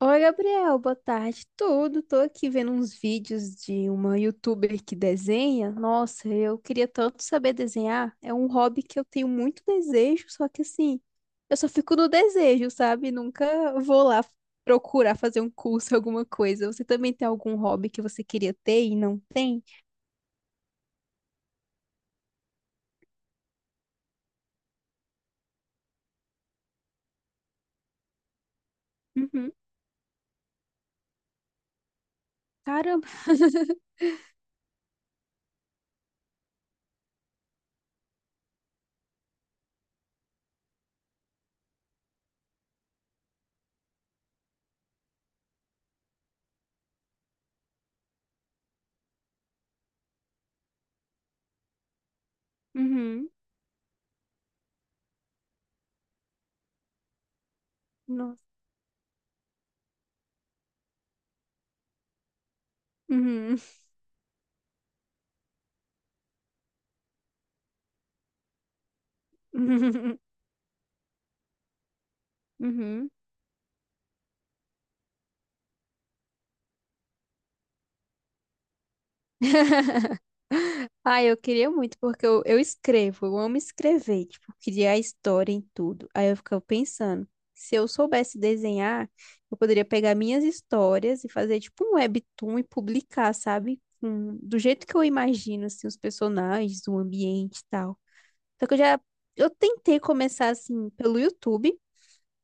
Oi, Gabriel, boa tarde. Tudo, tô aqui vendo uns vídeos de uma youtuber que desenha. Nossa, eu queria tanto saber desenhar. É um hobby que eu tenho muito desejo, só que assim, eu só fico no desejo, sabe? Nunca vou lá procurar fazer um curso, alguma coisa. Você também tem algum hobby que você queria ter e não tem? Uhum. Caramba. Uhum. Nossa. Uhum. Uhum. Ah, eu queria muito, porque eu escrevo, eu amo escrever, tipo, criar história em tudo. Aí eu ficava pensando, se eu soubesse desenhar, eu poderia pegar minhas histórias e fazer, tipo, um webtoon e publicar, sabe? Com- do jeito que eu imagino, assim, os personagens, o ambiente e tal. Só que eu já, eu tentei começar, assim, pelo YouTube,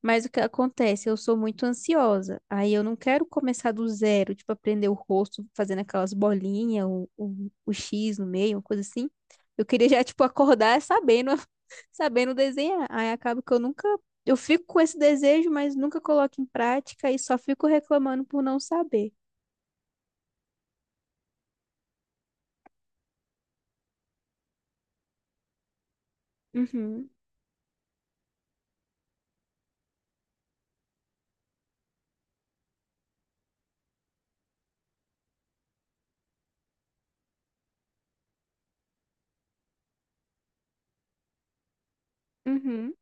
mas o que acontece? Eu sou muito ansiosa. Aí eu não quero começar do zero, tipo, aprender o rosto fazendo aquelas bolinhas, o X no meio, uma coisa assim. Eu queria já, tipo, acordar sabendo, sabendo desenhar. Aí acaba que eu nunca. Eu fico com esse desejo, mas nunca coloco em prática e só fico reclamando por não saber. Uhum, uhum,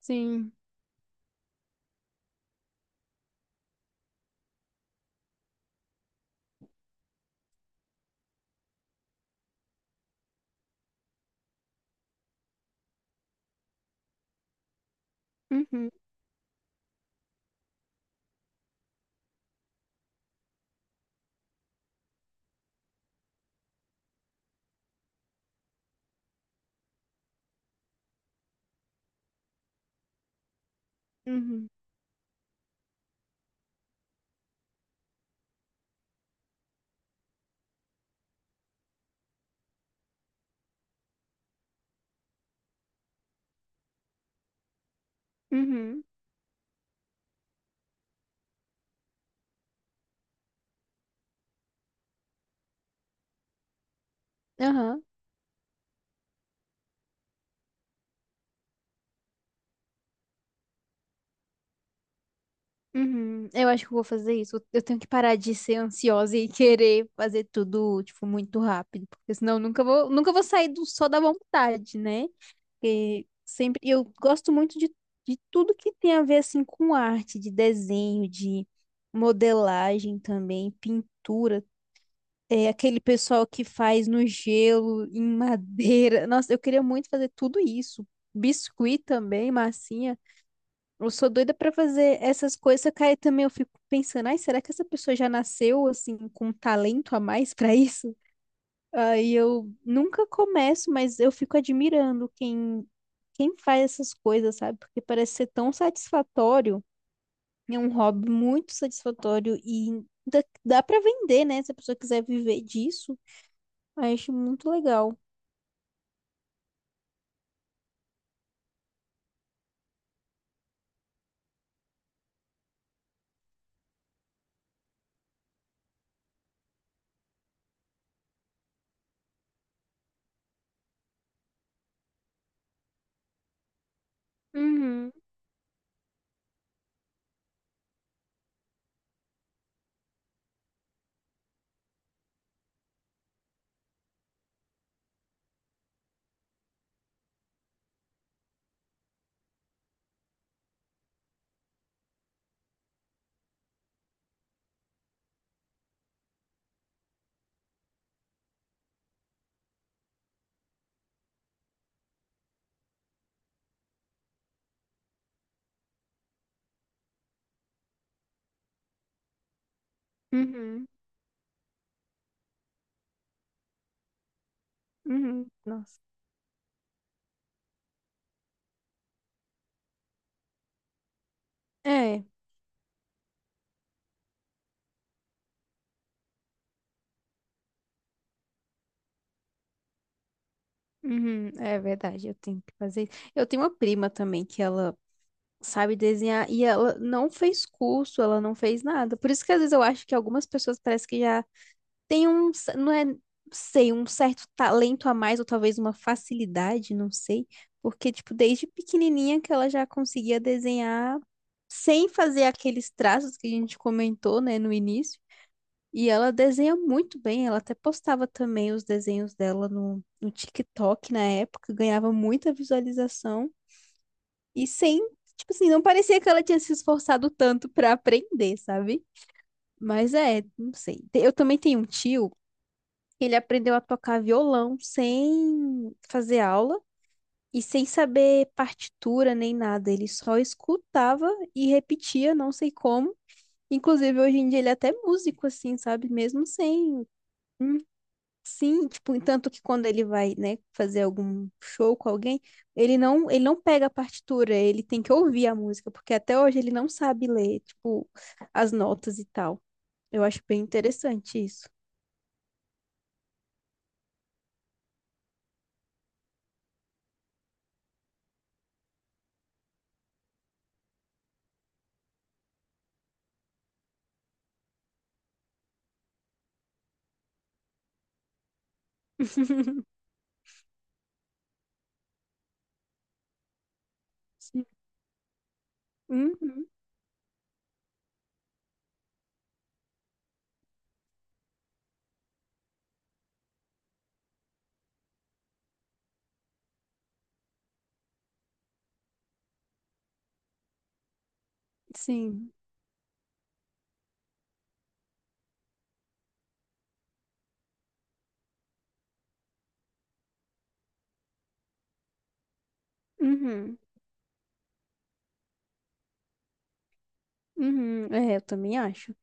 sim. Uhum, uhum, uhum. Aham. Uhum, eu acho que eu vou fazer isso. Eu tenho que parar de ser ansiosa e querer fazer tudo, tipo, muito rápido, porque senão eu nunca vou sair do só da vontade, né? Porque sempre eu gosto muito de tudo que tem a ver assim com arte, de desenho, de modelagem também, pintura. É aquele pessoal que faz no gelo, em madeira. Nossa, eu queria muito fazer tudo isso. Biscuit também, massinha. Eu sou doida pra fazer essas coisas, só que aí também eu fico pensando, ai, será que essa pessoa já nasceu assim com um talento a mais pra isso? Aí eu nunca começo, mas eu fico admirando quem faz essas coisas, sabe? Porque parece ser tão satisfatório, é um hobby muito satisfatório e dá para vender, né? Se a pessoa quiser viver disso, eu acho muito legal. Uhum, uhum, uhum. Nossa. É. Uhum, é verdade, eu tenho que fazer isso. Eu tenho uma prima também que ela sabe desenhar e ela não fez curso, ela não fez nada. Por isso que às vezes eu acho que algumas pessoas parece que já têm um, c- não é, sei, um certo talento a mais ou talvez uma facilidade, não sei, porque tipo desde pequenininha que ela já conseguia desenhar sem fazer aqueles traços que a gente comentou, né, no início. E ela desenha muito bem, ela até postava também os desenhos dela no TikTok na época, ganhava muita visualização. E sem, tipo assim, não parecia que ela tinha se esforçado tanto pra aprender, sabe? Mas é, não sei. Te- Eu também tenho um tio, ele aprendeu a tocar violão sem fazer aula e sem saber partitura nem nada. Ele só escutava e repetia, não sei como. Inclusive, hoje em dia ele é até músico, assim, sabe? Mesmo sem. Sim, tipo, tanto que quando ele vai, né, fazer algum show com alguém, ele não pega a partitura, ele tem que ouvir a música, porque até hoje ele não sabe ler, tipo, as notas e tal. Eu acho bem interessante isso. Sim. Uhum, sim. Uhum, uhum. É, eu também acho.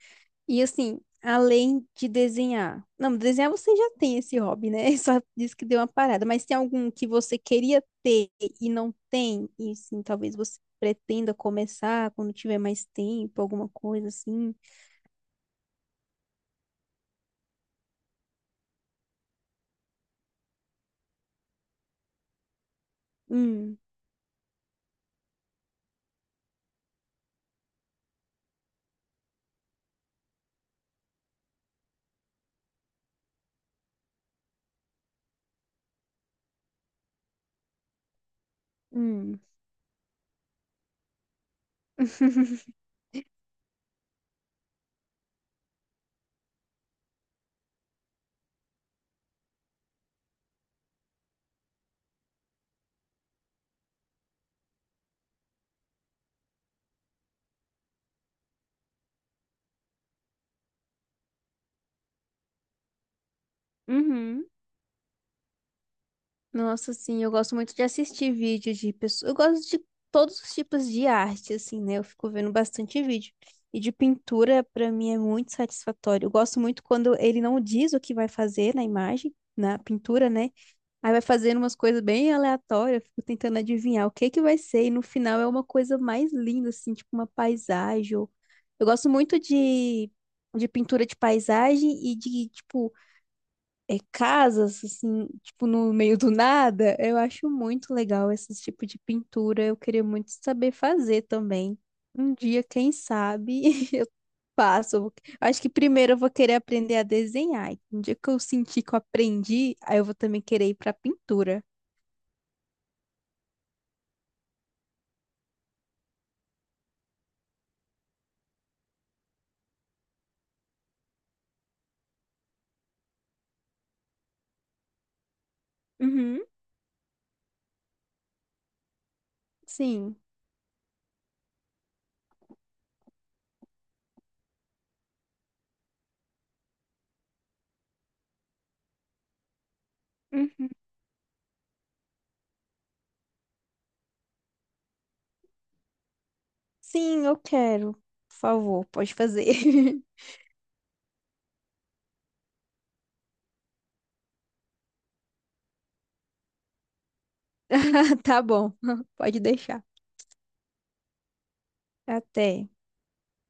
E assim, além de desenhar. Não, desenhar você já tem esse hobby, né? Só disse que deu uma parada. Mas tem algum que você queria ter e não tem? E sim, talvez você pretenda começar quando tiver mais tempo, alguma coisa assim. Hum, hum. Uhum. Nossa, sim, eu gosto muito de assistir vídeo de pessoas. Eu gosto de todos os tipos de arte, assim, né? Eu fico vendo bastante vídeo. E de pintura, pra mim, é muito satisfatório. Eu gosto muito quando ele não diz o que vai fazer na imagem, na pintura, né? Aí vai fazendo umas coisas bem aleatórias, eu fico tentando adivinhar o que que vai ser. E no final é uma coisa mais linda, assim, tipo uma paisagem, ou- Eu gosto muito de pintura de paisagem e de, tipo, é, casas, assim, tipo, no meio do nada. Eu acho muito legal esse tipo de pintura. Eu queria muito saber fazer também. Um dia, quem sabe, eu passo. Eu vou- Acho que primeiro eu vou querer aprender a desenhar. E um dia que eu sentir que eu aprendi, aí eu vou também querer ir pra pintura. Uhum. Sim. Uhum. Sim, eu quero. Por favor, pode fazer. Ah, tá bom. Pode deixar. Até.